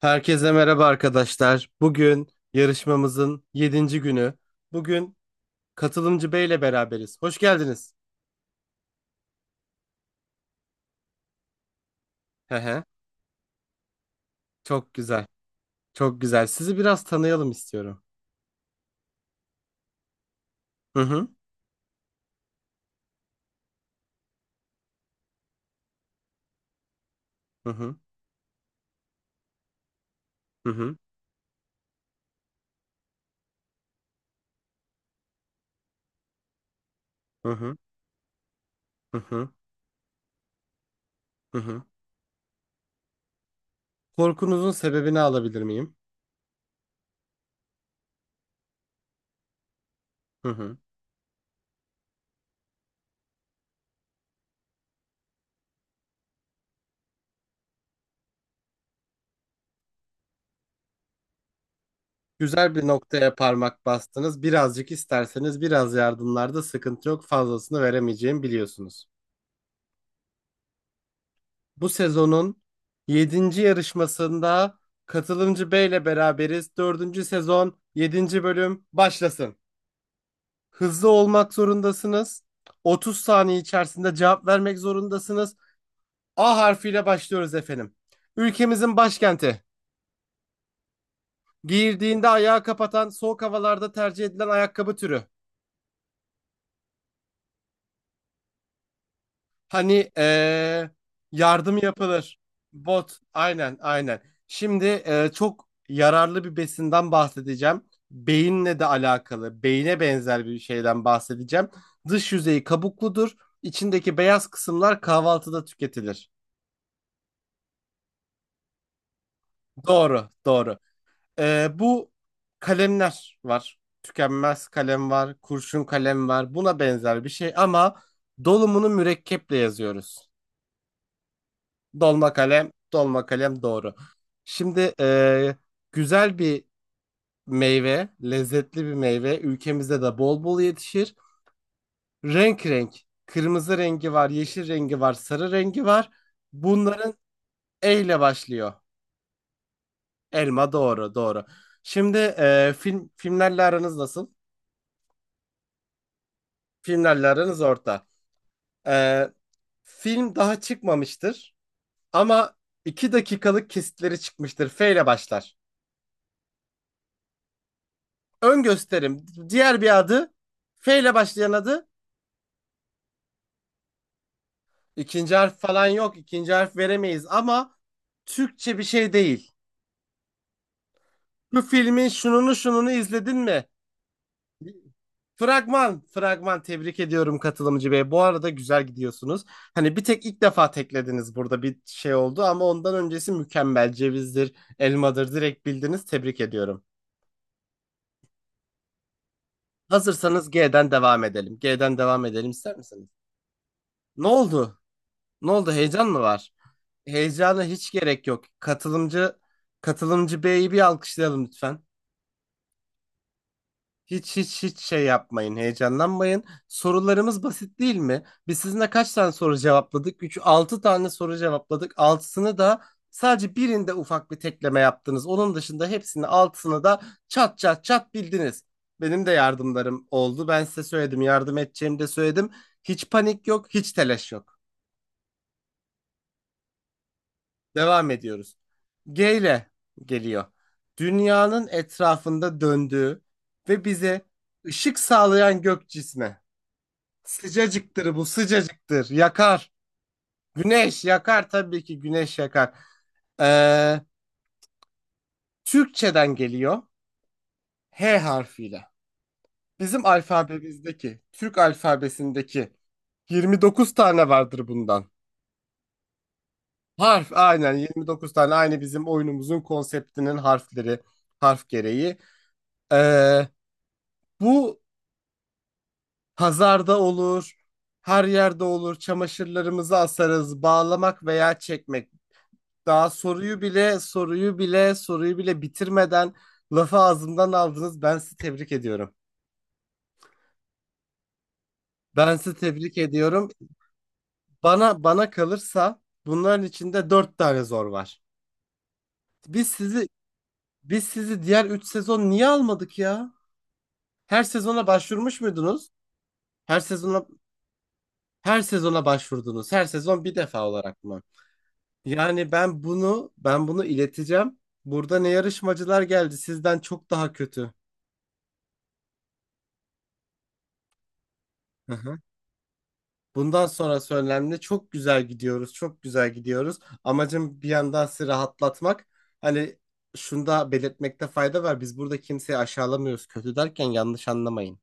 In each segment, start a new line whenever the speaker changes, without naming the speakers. Herkese merhaba arkadaşlar. Bugün yarışmamızın yedinci günü. Bugün katılımcı Bey ile beraberiz. Hoş geldiniz. He he. Çok güzel. Çok güzel. Sizi biraz tanıyalım istiyorum. Hı hı. Hı hı. Hı hı. Hı hı. Hı hı. Hı hı. Korkunuzun sebebini alabilir miyim? Hı hı. Güzel bir noktaya parmak bastınız. Birazcık isterseniz biraz yardımlarda sıkıntı yok. Fazlasını veremeyeceğimi biliyorsunuz. Bu sezonun yedinci yarışmasında katılımcı B ile beraberiz. Dördüncü sezon yedinci bölüm başlasın. Hızlı olmak zorundasınız. 30 saniye içerisinde cevap vermek zorundasınız. A harfiyle başlıyoruz efendim. Ülkemizin başkenti. Giyildiğinde ayağı kapatan soğuk havalarda tercih edilen ayakkabı türü. Hani yardım yapılır. Bot. Aynen, aynen. Şimdi çok yararlı bir besinden bahsedeceğim. Beyinle de alakalı, beyine benzer bir şeyden bahsedeceğim. Dış yüzeyi kabukludur. İçindeki beyaz kısımlar kahvaltıda tüketilir. Doğru, doğru. Bu kalemler var. Tükenmez kalem var, kurşun kalem var. Buna benzer bir şey ama dolumunu mürekkeple yazıyoruz. Dolma kalem, dolma kalem doğru. Şimdi güzel bir meyve, lezzetli bir meyve. Ülkemizde de bol bol yetişir. Renk renk. Kırmızı rengi var, yeşil rengi var, sarı rengi var. Bunların E ile başlıyor. Elma doğru, doğru. Şimdi filmlerle aranız nasıl? Filmlerle aranız orta. E, film daha çıkmamıştır ama 2 dakikalık kesitleri çıkmıştır. F ile başlar. Ön gösterim. Diğer bir adı F ile başlayan adı. İkinci harf falan yok. İkinci harf veremeyiz ama Türkçe bir şey değil. Bu filmin şununu şununu izledin mi? Fragman, fragman tebrik ediyorum katılımcı bey. Bu arada güzel gidiyorsunuz. Hani bir tek ilk defa teklediniz burada bir şey oldu ama ondan öncesi mükemmel. Cevizdir, elmadır direkt bildiniz. Tebrik ediyorum. Hazırsanız G'den devam edelim. G'den devam edelim ister misiniz? Ne oldu? Ne oldu? Heyecan mı var? Heyecana hiç gerek yok. Katılımcı B'yi bir alkışlayalım lütfen. Hiç hiç hiç şey yapmayın, heyecanlanmayın. Sorularımız basit değil mi? Biz sizinle kaç tane soru cevapladık? 3, 6 tane soru cevapladık. Altısını da sadece birinde ufak bir tekleme yaptınız. Onun dışında hepsini altısını da çat çat çat bildiniz. Benim de yardımlarım oldu. Ben size söyledim, yardım edeceğimi de söyledim. Hiç panik yok, hiç telaş yok. Devam ediyoruz. G ile geliyor. Dünyanın etrafında döndüğü ve bize ışık sağlayan gök cismi. Sıcacıktır bu, sıcacıktır. Yakar. Güneş yakar tabii ki güneş yakar. Ee, Türkçeden geliyor. H harfiyle. Bizim alfabemizdeki, Türk alfabesindeki 29 tane vardır bundan. Harf aynen 29 tane aynı bizim oyunumuzun konseptinin harfleri, harf gereği. Ee, bu Pazarda olur, her yerde olur. Çamaşırlarımızı asarız, bağlamak veya çekmek. Daha soruyu bile, soruyu bile, soruyu bile bitirmeden lafı ağzımdan aldınız. Ben sizi tebrik ediyorum. Ben sizi tebrik ediyorum. Bana kalırsa bunların içinde dört tane zor var. Biz sizi biz sizi diğer üç sezon niye almadık ya? Her sezona başvurmuş muydunuz? Her sezona her sezona başvurdunuz. Her sezon bir defa olarak mı? Yani ben bunu ileteceğim. Burada ne yarışmacılar geldi sizden çok daha kötü. Hı hı. Bundan sonrası önemli. Çok güzel gidiyoruz. Çok güzel gidiyoruz. Amacım bir yandan sizi rahatlatmak. Hani şunu da belirtmekte fayda var. Biz burada kimseyi aşağılamıyoruz. Kötü derken yanlış anlamayın.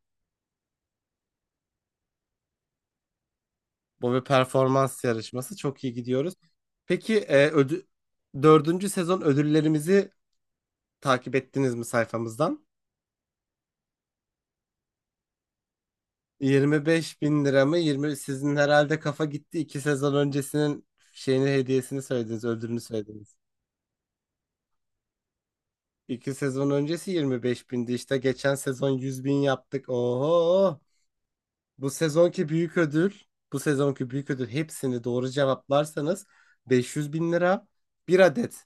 Bu bir performans yarışması. Çok iyi gidiyoruz. Peki dördüncü sezon ödüllerimizi takip ettiniz mi sayfamızdan? 25 bin lira mı? 20 sizin herhalde kafa gitti. İki sezon öncesinin şeyini hediyesini söylediniz, ödülünü söylediniz. İki sezon öncesi 25 bindi işte. Geçen sezon 100 bin yaptık. Oho! Bu sezonki büyük ödül, bu sezonki büyük ödül hepsini doğru cevaplarsanız 500 bin lira bir adet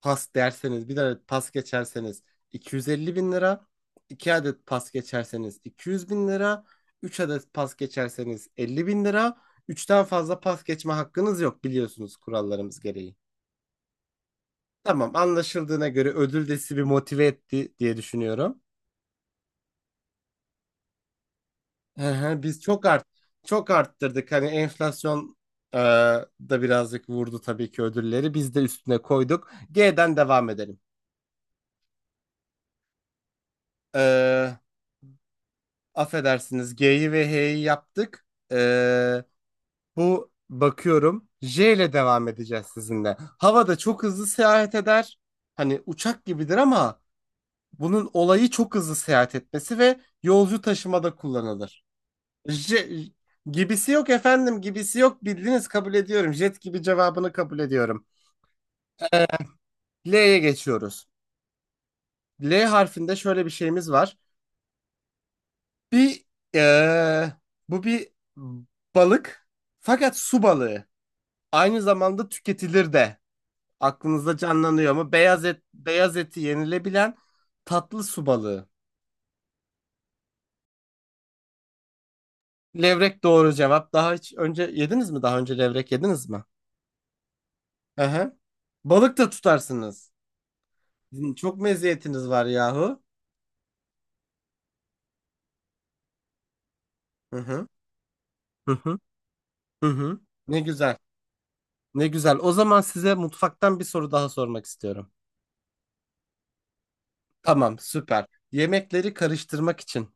pas derseniz bir adet pas geçerseniz 250 bin lira 2 adet pas geçerseniz 200 bin lira 3 adet pas geçerseniz 50 bin lira. Üçten fazla pas geçme hakkınız yok biliyorsunuz kurallarımız gereği. Tamam, anlaşıldığına göre ödül de sizi bir motive etti diye düşünüyorum. Hı hı, biz çok arttırdık hani enflasyon e, da birazcık vurdu tabii ki ödülleri biz de üstüne koyduk. G'den devam edelim. Ee, Affedersiniz G'yi ve H'yi yaptık. Ee, bu bakıyorum J ile devam edeceğiz sizinle. Havada çok hızlı seyahat eder. Hani uçak gibidir ama bunun olayı çok hızlı seyahat etmesi ve yolcu taşımada kullanılır. J gibisi yok efendim gibisi yok bildiniz kabul ediyorum. Jet gibi cevabını kabul ediyorum. L'ye geçiyoruz. L harfinde şöyle bir şeyimiz var. Bir ee, bu bir balık fakat su balığı. Aynı zamanda tüketilir de. Aklınızda canlanıyor mu? Beyaz et, beyaz eti yenilebilen tatlı su balığı. Levrek doğru cevap. Daha hiç önce yediniz mi? Daha önce levrek yediniz mi? Hı hı. Balık da tutarsınız. Çok meziyetiniz var yahu. Hı hı. Hı hı. Hı hı. Ne güzel. Ne güzel. O zaman size mutfaktan bir soru daha sormak istiyorum. Tamam, süper. Yemekleri karıştırmak için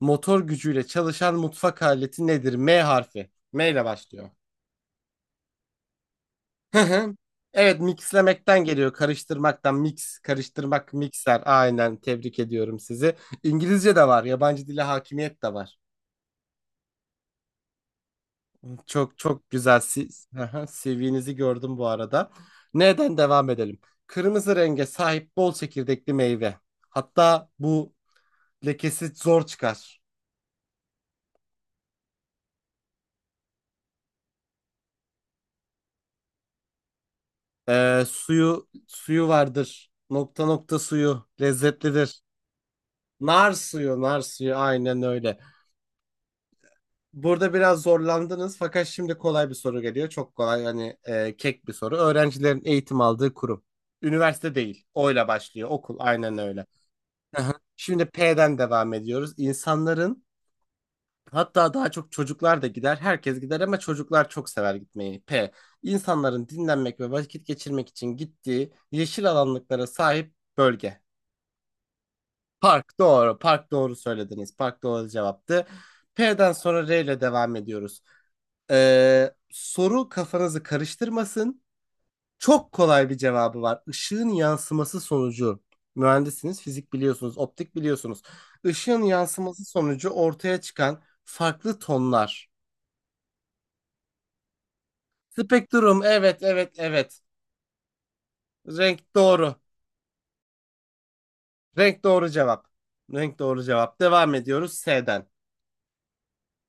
motor gücüyle çalışan mutfak aleti nedir? M harfi. M ile başlıyor. Hı hı. Evet mixlemekten geliyor. Karıştırmaktan mix, karıştırmak, mikser. Aynen tebrik ediyorum sizi. İngilizce de var. Yabancı dile hakimiyet de var. Çok çok güzel. Siz, Hı hı. CV'nizi gördüm bu arada. Neden devam edelim? Kırmızı renge sahip bol çekirdekli meyve. Hatta bu lekesi zor çıkar. Suyu vardır. Nokta nokta suyu lezzetlidir. Nar suyu, nar suyu aynen öyle. Burada biraz zorlandınız fakat şimdi kolay bir soru geliyor. Çok kolay hani kek bir soru. Öğrencilerin eğitim aldığı kurum. Üniversite değil. O'yla başlıyor. Okul aynen öyle. Aha. Şimdi P'den devam ediyoruz. İnsanların hatta daha çok çocuklar da gider. Herkes gider ama çocuklar çok sever gitmeyi. P. İnsanların dinlenmek ve vakit geçirmek için gittiği yeşil alanlıklara sahip bölge. Park doğru. Park doğru söylediniz. Park doğru cevaptı. P'den sonra R ile devam ediyoruz. Soru kafanızı karıştırmasın. Çok kolay bir cevabı var. Işığın yansıması sonucu. Mühendisiniz, fizik biliyorsunuz, optik biliyorsunuz. Işığın yansıması sonucu ortaya çıkan farklı tonlar. Spektrum, evet, evet, evet. Renk doğru. Renk doğru cevap. Renk doğru cevap. Devam ediyoruz S'den.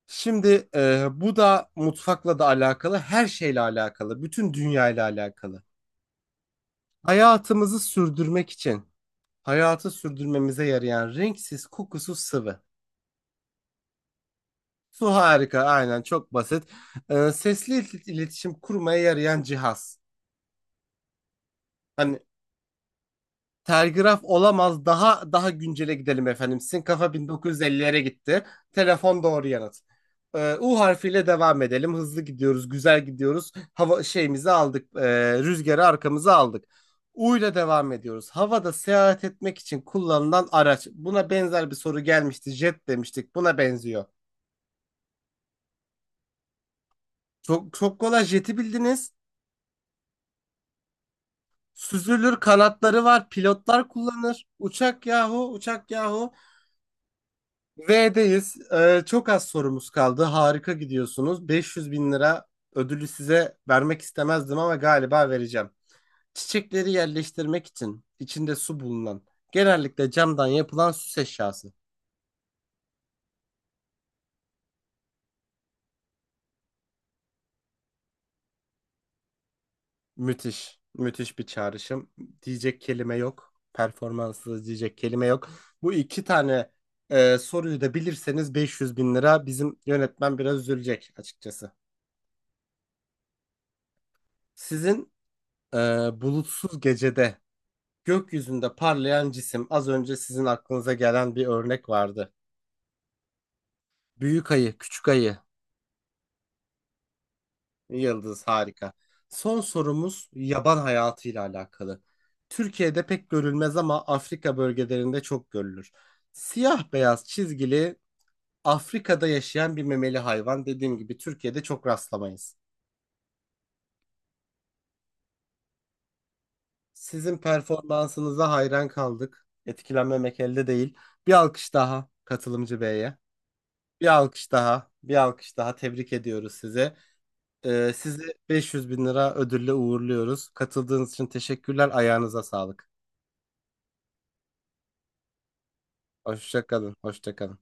Şimdi bu da mutfakla da alakalı, her şeyle alakalı, bütün dünyayla alakalı. Hayatımızı sürdürmek için hayatı sürdürmemize yarayan renksiz, kokusuz sıvı. Su harika, aynen çok basit. Sesli iletişim kurmaya yarayan cihaz. Hani telgraf olamaz, daha güncele gidelim efendim. Sizin kafa 1950'lere gitti. Telefon doğru yanıt. U harfiyle devam edelim. Hızlı gidiyoruz, güzel gidiyoruz. Hava şeyimizi aldık, rüzgarı arkamıza aldık. U ile devam ediyoruz. Havada seyahat etmek için kullanılan araç. Buna benzer bir soru gelmişti. Jet demiştik. Buna benziyor. Çok çok kolay jeti bildiniz. Süzülür kanatları var. Pilotlar kullanır. Uçak yahu uçak yahu. V'deyiz. Çok az sorumuz kaldı. Harika gidiyorsunuz. 500 bin lira ödülü size vermek istemezdim ama galiba vereceğim. Çiçekleri yerleştirmek için içinde su bulunan genellikle camdan yapılan süs eşyası. Müthiş. Müthiş bir çağrışım. Diyecek kelime yok. Performanssız diyecek kelime yok. Bu iki tane soruyu da bilirseniz 500 bin lira bizim yönetmen biraz üzülecek açıkçası. Sizin e, bulutsuz gecede gökyüzünde parlayan cisim az önce sizin aklınıza gelen bir örnek vardı. Büyük ayı, küçük ayı, Yıldız harika. Son sorumuz yaban hayatıyla alakalı. Türkiye'de pek görülmez ama Afrika bölgelerinde çok görülür. Siyah beyaz çizgili Afrika'da yaşayan bir memeli hayvan. Dediğim gibi Türkiye'de çok rastlamayız. Sizin performansınıza hayran kaldık. Etkilenmemek elde değil. Bir alkış daha katılımcı beye. Bir alkış daha. Bir alkış daha. Tebrik ediyoruz sizi. Sizi 500 bin lira ödülle uğurluyoruz. Katıldığınız için teşekkürler. Ayağınıza sağlık. Hoşça kalın. Hoşça kalın.